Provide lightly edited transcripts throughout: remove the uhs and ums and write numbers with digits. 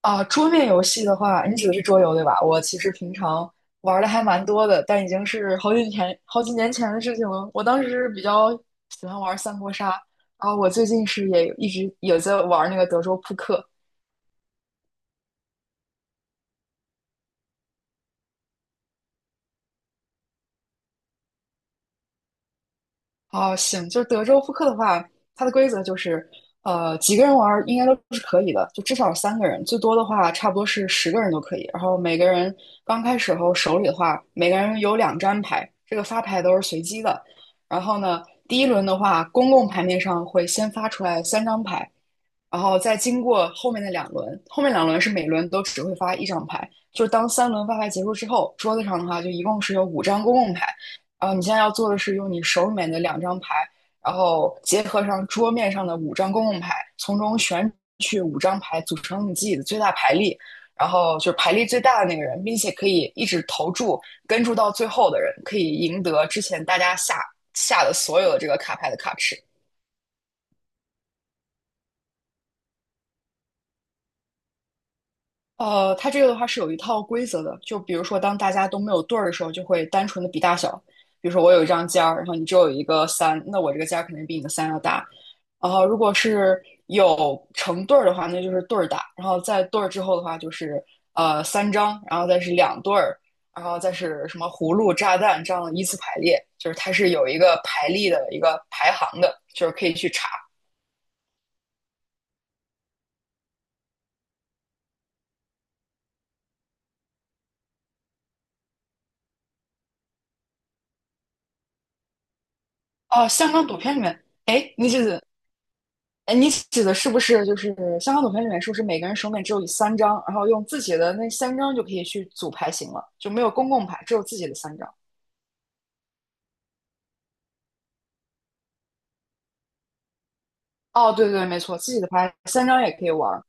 啊，桌面游戏的话，你指的是桌游对吧？我其实平常玩的还蛮多的，但已经是好几年、好几年前的事情了。我当时是比较喜欢玩三国杀，然后我最近是也一直也在玩那个德州扑克。哦，行，就是德州扑克的话，它的规则就是，几个人玩儿应该都是可以的，就至少三个人，最多的话差不多是十个人都可以。然后每个人刚开始后手里的话，每个人有两张牌，这个发牌都是随机的。然后呢，第一轮的话，公共牌面上会先发出来三张牌，然后再经过后面的两轮，后面两轮是每轮都只会发一张牌。就是当三轮发牌结束之后，桌子上的话就一共是有五张公共牌。然后你现在要做的是用你手里面的两张牌，然后结合上桌面上的五张公共牌，从中选取五张牌组成你自己的最大牌力，然后就是牌力最大的那个人，并且可以一直投注跟注到最后的人，可以赢得之前大家下的所有的这个卡牌的卡池。它这个的话是有一套规则的，就比如说，当大家都没有对儿的时候，就会单纯的比大小。比如说，我有一张尖儿，然后你只有一个三，那我这个尖儿肯定比你的三要大。然后，如果是有成对儿的话，那就是对儿大。然后在对儿之后的话，就是三张，然后再是两对儿，然后再是什么葫芦、炸弹这样的依次排列，就是它是有一个排列的一个排行的，就是可以去查。哦、像香港赌片里面，哎，那就是哎，你指的是不是就是香港赌牌里面是不是每个人手里面只有三张，然后用自己的那三张就可以去组牌型了，就没有公共牌，只有自己的三张。哦，对对，没错，自己的牌三张也可以玩。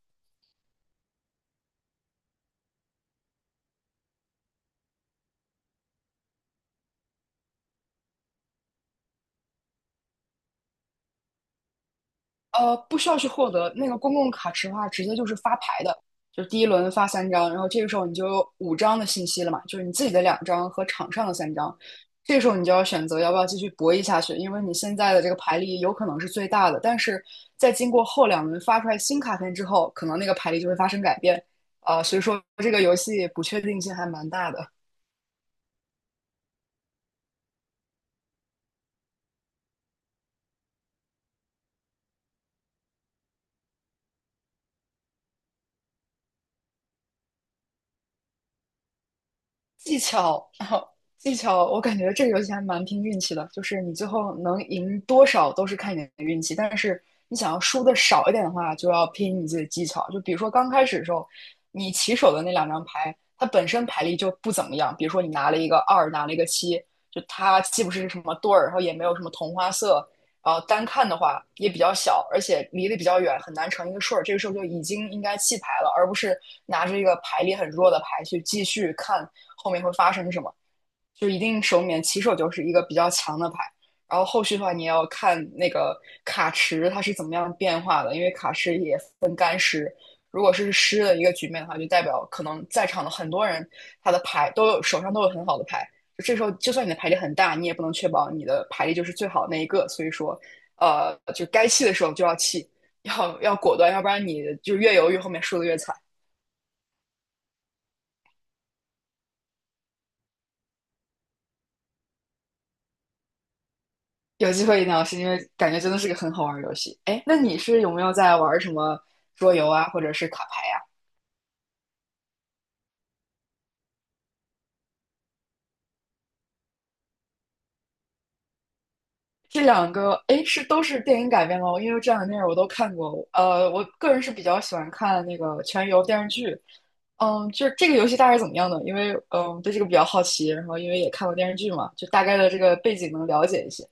不需要去获得那个公共卡池的话，直接就是发牌的，就是第一轮发三张，然后这个时候你就有五张的信息了嘛，就是你自己的两张和场上的三张，这个时候你就要选择要不要继续博弈下去，因为你现在的这个牌力有可能是最大的，但是在经过后两轮发出来新卡片之后，可能那个牌力就会发生改变，所以说这个游戏不确定性还蛮大的。技巧，然后技巧，我感觉这个游戏还蛮拼运气的，就是你最后能赢多少都是看你的运气，但是你想要输的少一点的话，就要拼你自己的技巧。就比如说刚开始的时候，你起手的那两张牌，它本身牌力就不怎么样，比如说你拿了一个二，拿了一个七，就它既不是什么对儿，然后也没有什么同花色，单看的话也比较小，而且离得比较远，很难成一个顺儿。这个时候就已经应该弃牌了，而不是拿着一个牌力很弱的牌去继续看后面会发生什么。就一定手里面起手就是一个比较强的牌，然后后续的话你也要看那个卡池它是怎么样变化的，因为卡池也分干湿。如果是湿的一个局面的话，就代表可能在场的很多人他的牌都有手上都有很好的牌，这时候就算你的牌力很大，你也不能确保你的牌力就是最好那一个。所以说，就该弃的时候就要弃，要果断，要不然你就越犹豫，后面输的越惨。有机会一定要试，因为感觉真的是个很好玩的游戏。哎，那你是有没有在玩什么桌游啊，或者是卡牌啊？这两个，诶，是都是电影改编吗？因为这两个电影我都看过。我个人是比较喜欢看那个《全游》电视剧。嗯，就是这个游戏大概是怎么样呢？因为嗯，对这个比较好奇，然后因为也看过电视剧嘛，就大概的这个背景能了解一些。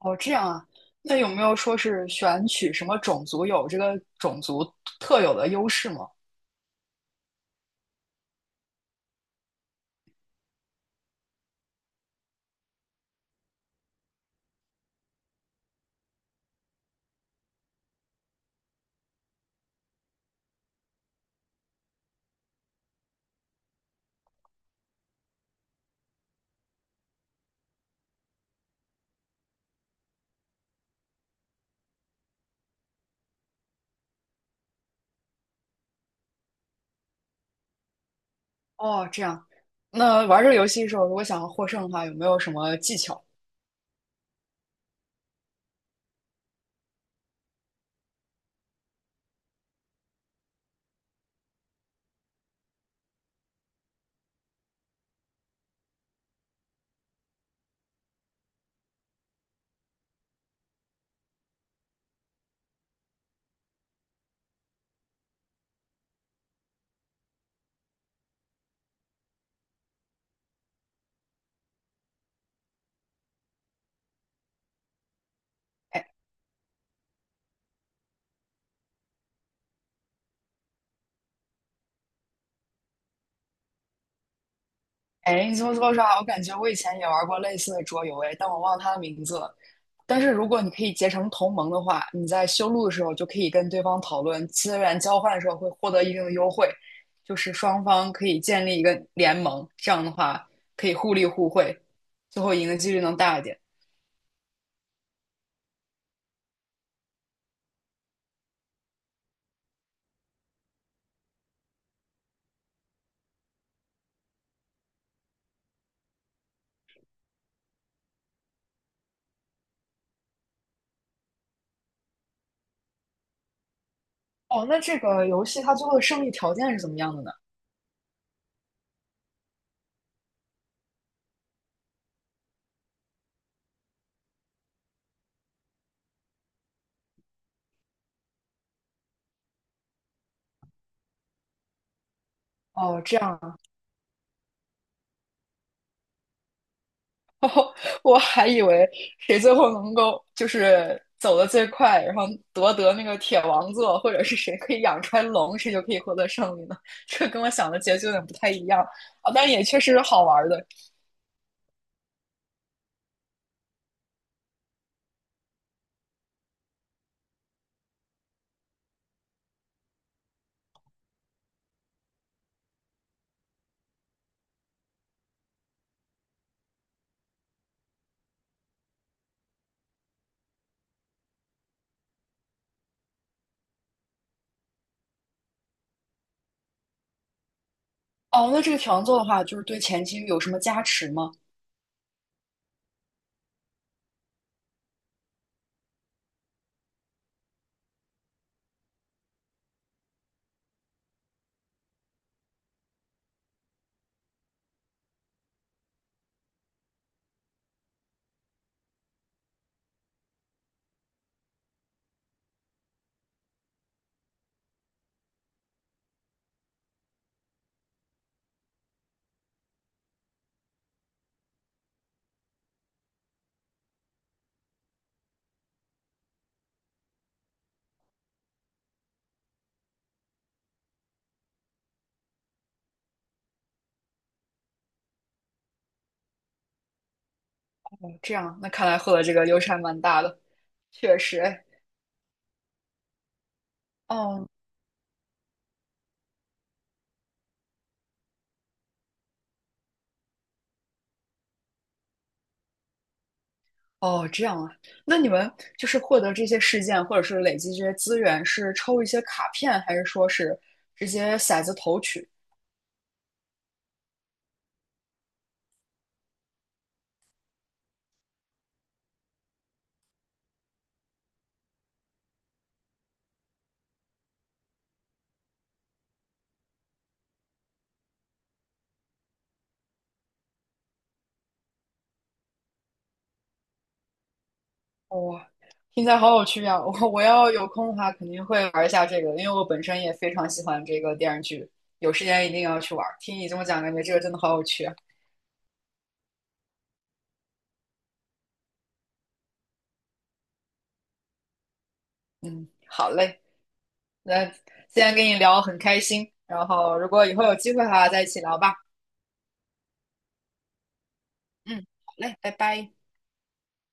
哦，这样啊。那有没有说是选取什么种族有这个种族特有的优势吗？哦，这样。那玩这个游戏的时候，如果想要获胜的话，有没有什么技巧？哎哎，你这么说啥？我感觉我以前也玩过类似的桌游，哎，但我忘了它的名字了。但是如果你可以结成同盟的话，你在修路的时候就可以跟对方讨论资源交换的时候会获得一定的优惠，就是双方可以建立一个联盟，这样的话可以互利互惠，最后赢的几率能大一点。哦，那这个游戏它最后的胜利条件是怎么样的呢？哦，这样我还以为谁最后能够就是走得最快，然后夺得那个铁王座，或者是谁可以养出来龙，谁就可以获得胜利呢？这跟我想的结局有点不太一样啊，但也确实是好玩的哦。那这个铁王座的话，就是对前期有什么加持吗？这样，那看来获得这个优势还蛮大的，确实哎。哦哦，这样啊。那你们就是获得这些事件，或者是累积这些资源，是抽一些卡片，还是说是直接骰子投取？哇，听起来好有趣啊！我要有空的话，肯定会玩一下这个，因为我本身也非常喜欢这个电视剧，有时间一定要去玩儿听你这么讲，感觉这个真的好有趣啊。嗯，好嘞，那今天跟你聊很开心，然后如果以后有机会的话，再一起聊吧。嗯，好嘞，拜拜。